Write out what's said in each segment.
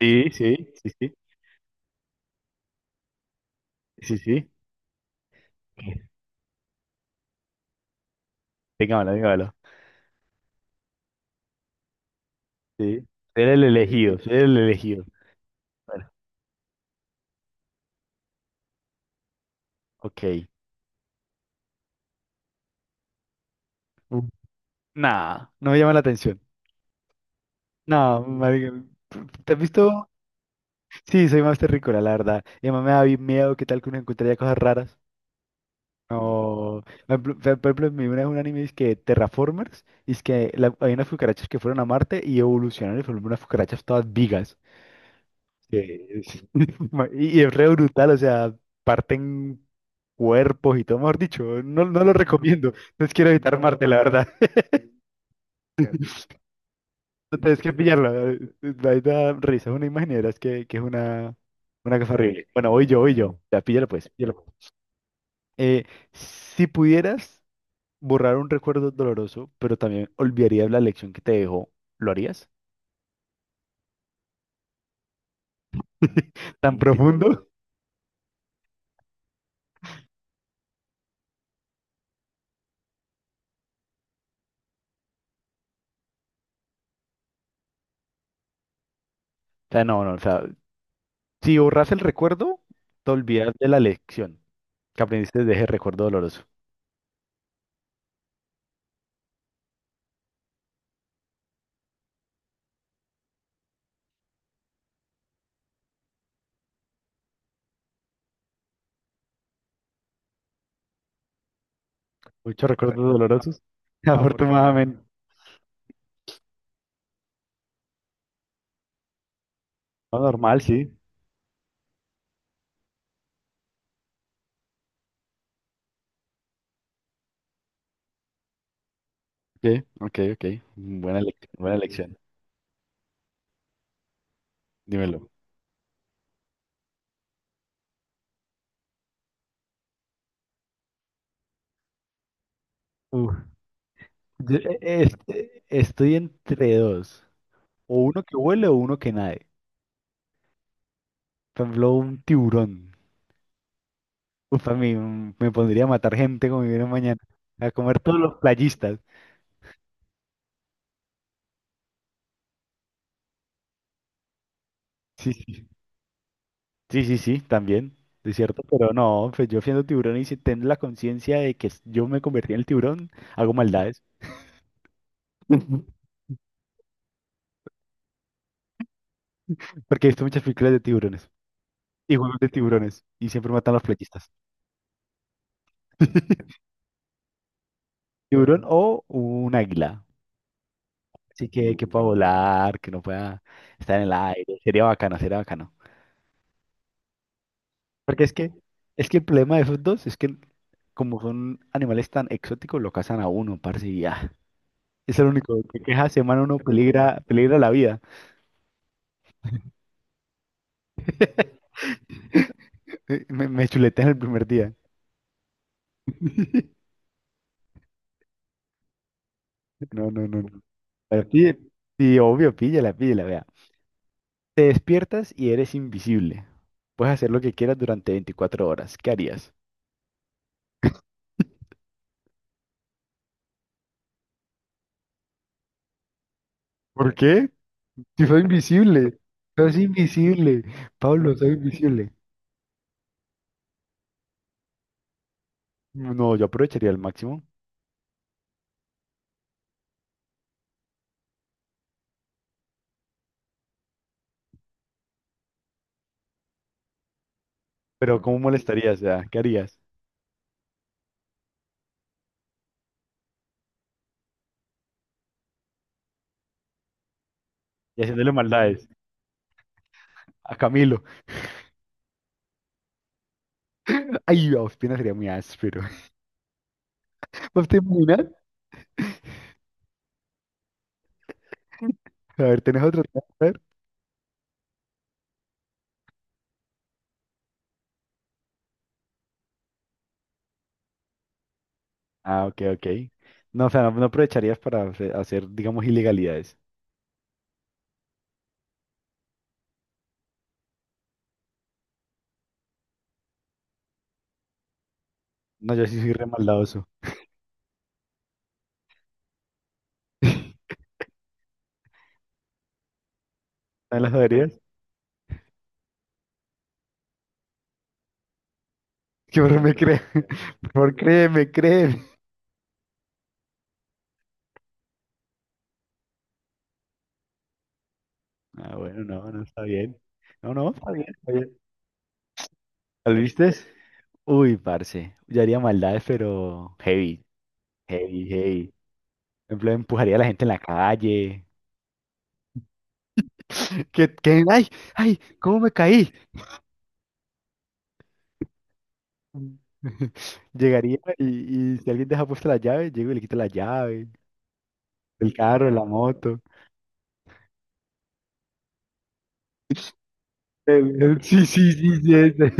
Sí, sí, sí, sí, sí, sí. Téngamelo, téngamelo. Sí. Ser el elegido, ser el elegido. Bueno, ok. Mm. Nah, no me llama la atención. No, marica, ¿te has visto? Sí, soy más terrícola, la verdad. Y además miedo. ¿Qué tal que uno encontraría cosas raras? No. Por ejemplo, me vi una vez un anime, es que Terraformers, y hay unas cucarachas que fueron a Marte y evolucionaron y fueron unas cucarachas todas vigas. Sí. Y es re brutal. O sea, parten cuerpos y todo. Mejor dicho, no, no lo recomiendo. Entonces quiero evitar Marte, la verdad. No, tienes que pillarla. Ahí da risa, es una imagen y verás que, una cosa horrible. Bueno, voy yo, voy yo. Ya, píllalo pues, píllalo. Eh, si pudieras borrar un recuerdo doloroso, pero también olvidarías la lección que te dejó, ¿lo harías? ¿Tan profundo? O sea, o sea, si borras el recuerdo, te olvidas de la lección que aprendiste de ese recuerdo doloroso. Muchos recuerdos dolorosos, afortunadamente. No, normal, sí. Sí, ok, ok. Buena lección, buena, sí, lección. Dímelo. Uf, Yo, este, estoy entre dos. O uno que huele o uno que nade. Por ejemplo, un tiburón. Uf, a mí me pondría a matar gente como viene mañana. A comer todos los playistas. Sí, sí. Sí, sí, sí, también. Es cierto, pero no, pues yo siendo tiburón y si tengo la conciencia de que yo me convertí en el tiburón, hago maldades. Porque he visto muchas películas de tiburones y juegos de tiburones y siempre matan a los playistas. Tiburón o un águila. Así que pueda volar, que no pueda estar en el aire. Sería bacano, sería bacano. Porque es que, es que el problema de esos dos es que como son animales tan exóticos, lo cazan a uno, parce, y ya. Es el único que queja semana uno peligra, peligra la vida. Me chuletean el primer día. No, no, no, no. Pero sí, sí, obvio, píllala, píllala, vea. Te despiertas y eres invisible. Puedes hacer lo que quieras durante 24 horas. ¿Qué harías? ¿Por qué? Si soy invisible. Sos invisible. Pablo, soy invisible. No, yo aprovecharía al máximo. Pero ¿cómo molestarías? O sea, ¿qué harías? Y haciéndole maldades a Camilo. Ay, a Ospina sería muy áspero. ¿Vos te imaginas? A ver, ¿tenés otro tema? A ver. Ah, ok, ok. No, o sea, no, no aprovecharías para hacer, digamos, ilegalidades. No, yo sí soy re maldadoso. ¿No las que por me cree? Por favor, créeme, créeme. Ah, bueno, no, no, está bien. No, no, está bien, está bien. ¿Lo viste? Uy, parce, yo haría maldades, pero heavy, heavy, heavy. Por ejemplo, empujaría a la gente en la calle. Ay, ay, ¿cómo me caí? Llegaría y, si alguien deja puesta la llave, llego y le quito la llave, el carro, la moto. Sí, sí, sí, sí, ese.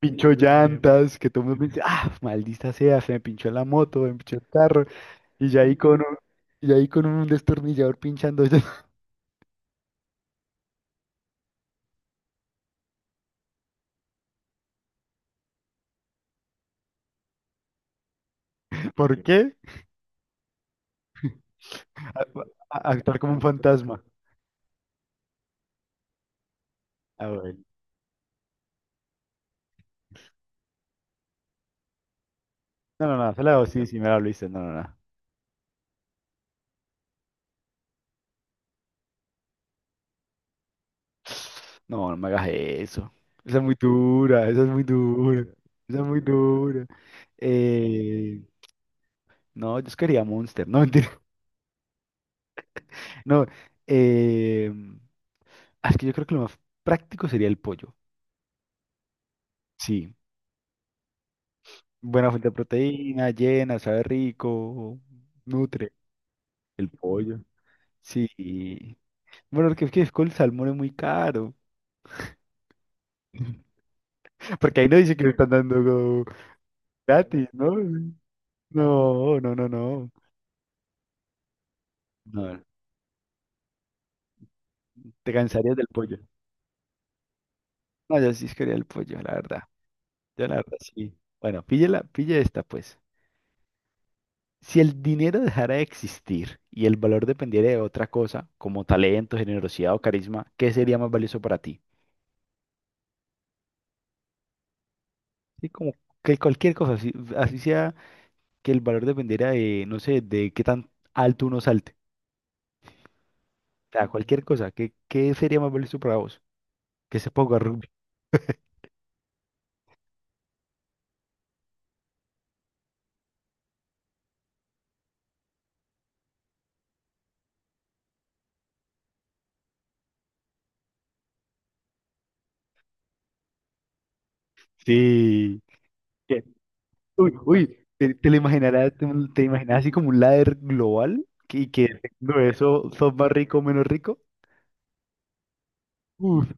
Pinchó llantas, que todo el mundo dice, ah, maldita sea, se me pinchó la moto, me pinchó el carro, y ya ahí con un, y ya ahí con un destornillador pinchando. ¿Por qué? A- actuar como un fantasma. Ah, bueno. No, no, no, se la hago, sí, sí, me la hice, no, no, no. No, no me hagas eso. Esa es muy dura, esa es muy dura, esa es muy dura. Eh, no, yo quería Monster, no, mentira. No, eh, es que yo creo que lo más práctico sería el pollo. Sí. Buena fuente de proteína, llena, sabe rico, nutre. El pollo. Sí. Bueno, porque es que el salmón es muy caro. Porque ahí no dice que lo están dando como gratis, ¿no? No, no, no, no. No, te cansarías del pollo. No, yo sí quería el pollo, la verdad. Yo la verdad sí. Bueno, píllela, pilla esta pues. Si el dinero dejara de existir y el valor dependiera de otra cosa, como talento, generosidad o carisma, ¿qué sería más valioso para ti? Sí, como que cualquier cosa, así, así sea que el valor dependiera de, no sé, de qué tan alto uno salte. O sea, cualquier cosa, ¿qué, qué sería más valioso para vos? Que se ponga rugby. Sí. Que… Uy, uy, te lo imaginarás, te imaginas así como un ladder global que… y que dependiendo de eso sos más rico o menos rico. Uf,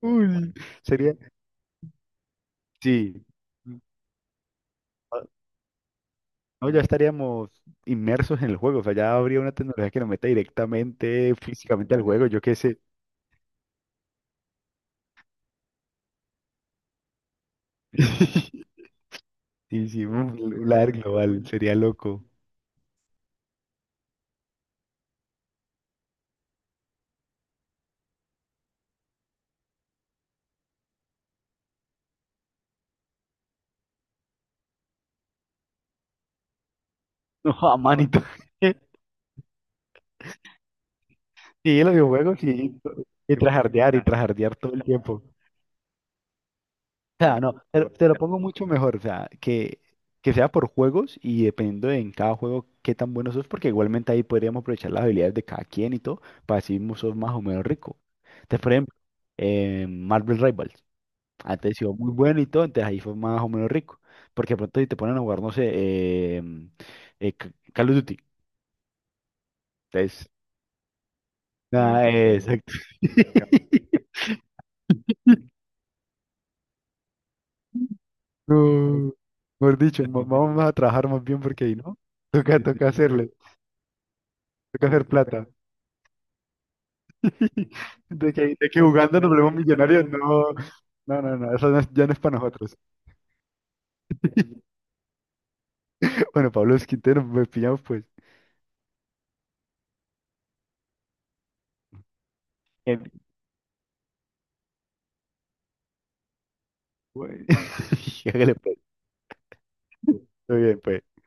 uy, sería, sí. Ah, no, ya estaríamos inmersos en el juego. O sea, ya habría una tecnología que nos meta directamente, físicamente al juego, yo qué sé. Sí, sí, uf, LAR global, sería loco. No, a manito. Sí, los videojuegos sí, y trajardear todo el tiempo. O sea, no, te lo pongo mucho mejor. O sea, que sea por juegos y dependiendo de en cada juego qué tan bueno sos, porque igualmente ahí podríamos aprovechar las habilidades de cada quien y todo, sos más o menos rico. Entonces, por ejemplo, Marvel Rivals, antes sido muy bueno y todo, entonces ahí fue más o menos rico. Porque de pronto si te ponen a jugar, no sé, Call of Duty. Entonces nah, exacto. No, mejor dicho, vamos a trabajar más bien porque ahí, ¿no? Toca, toca hacerle, toca hacer plata. De que jugando nos volvemos millonarios, no, no, no, no, eso no es- ya no es para nosotros. Bueno, Pablo Esquintero, nos pillamos pues. El… hágale pues, todo bien pues.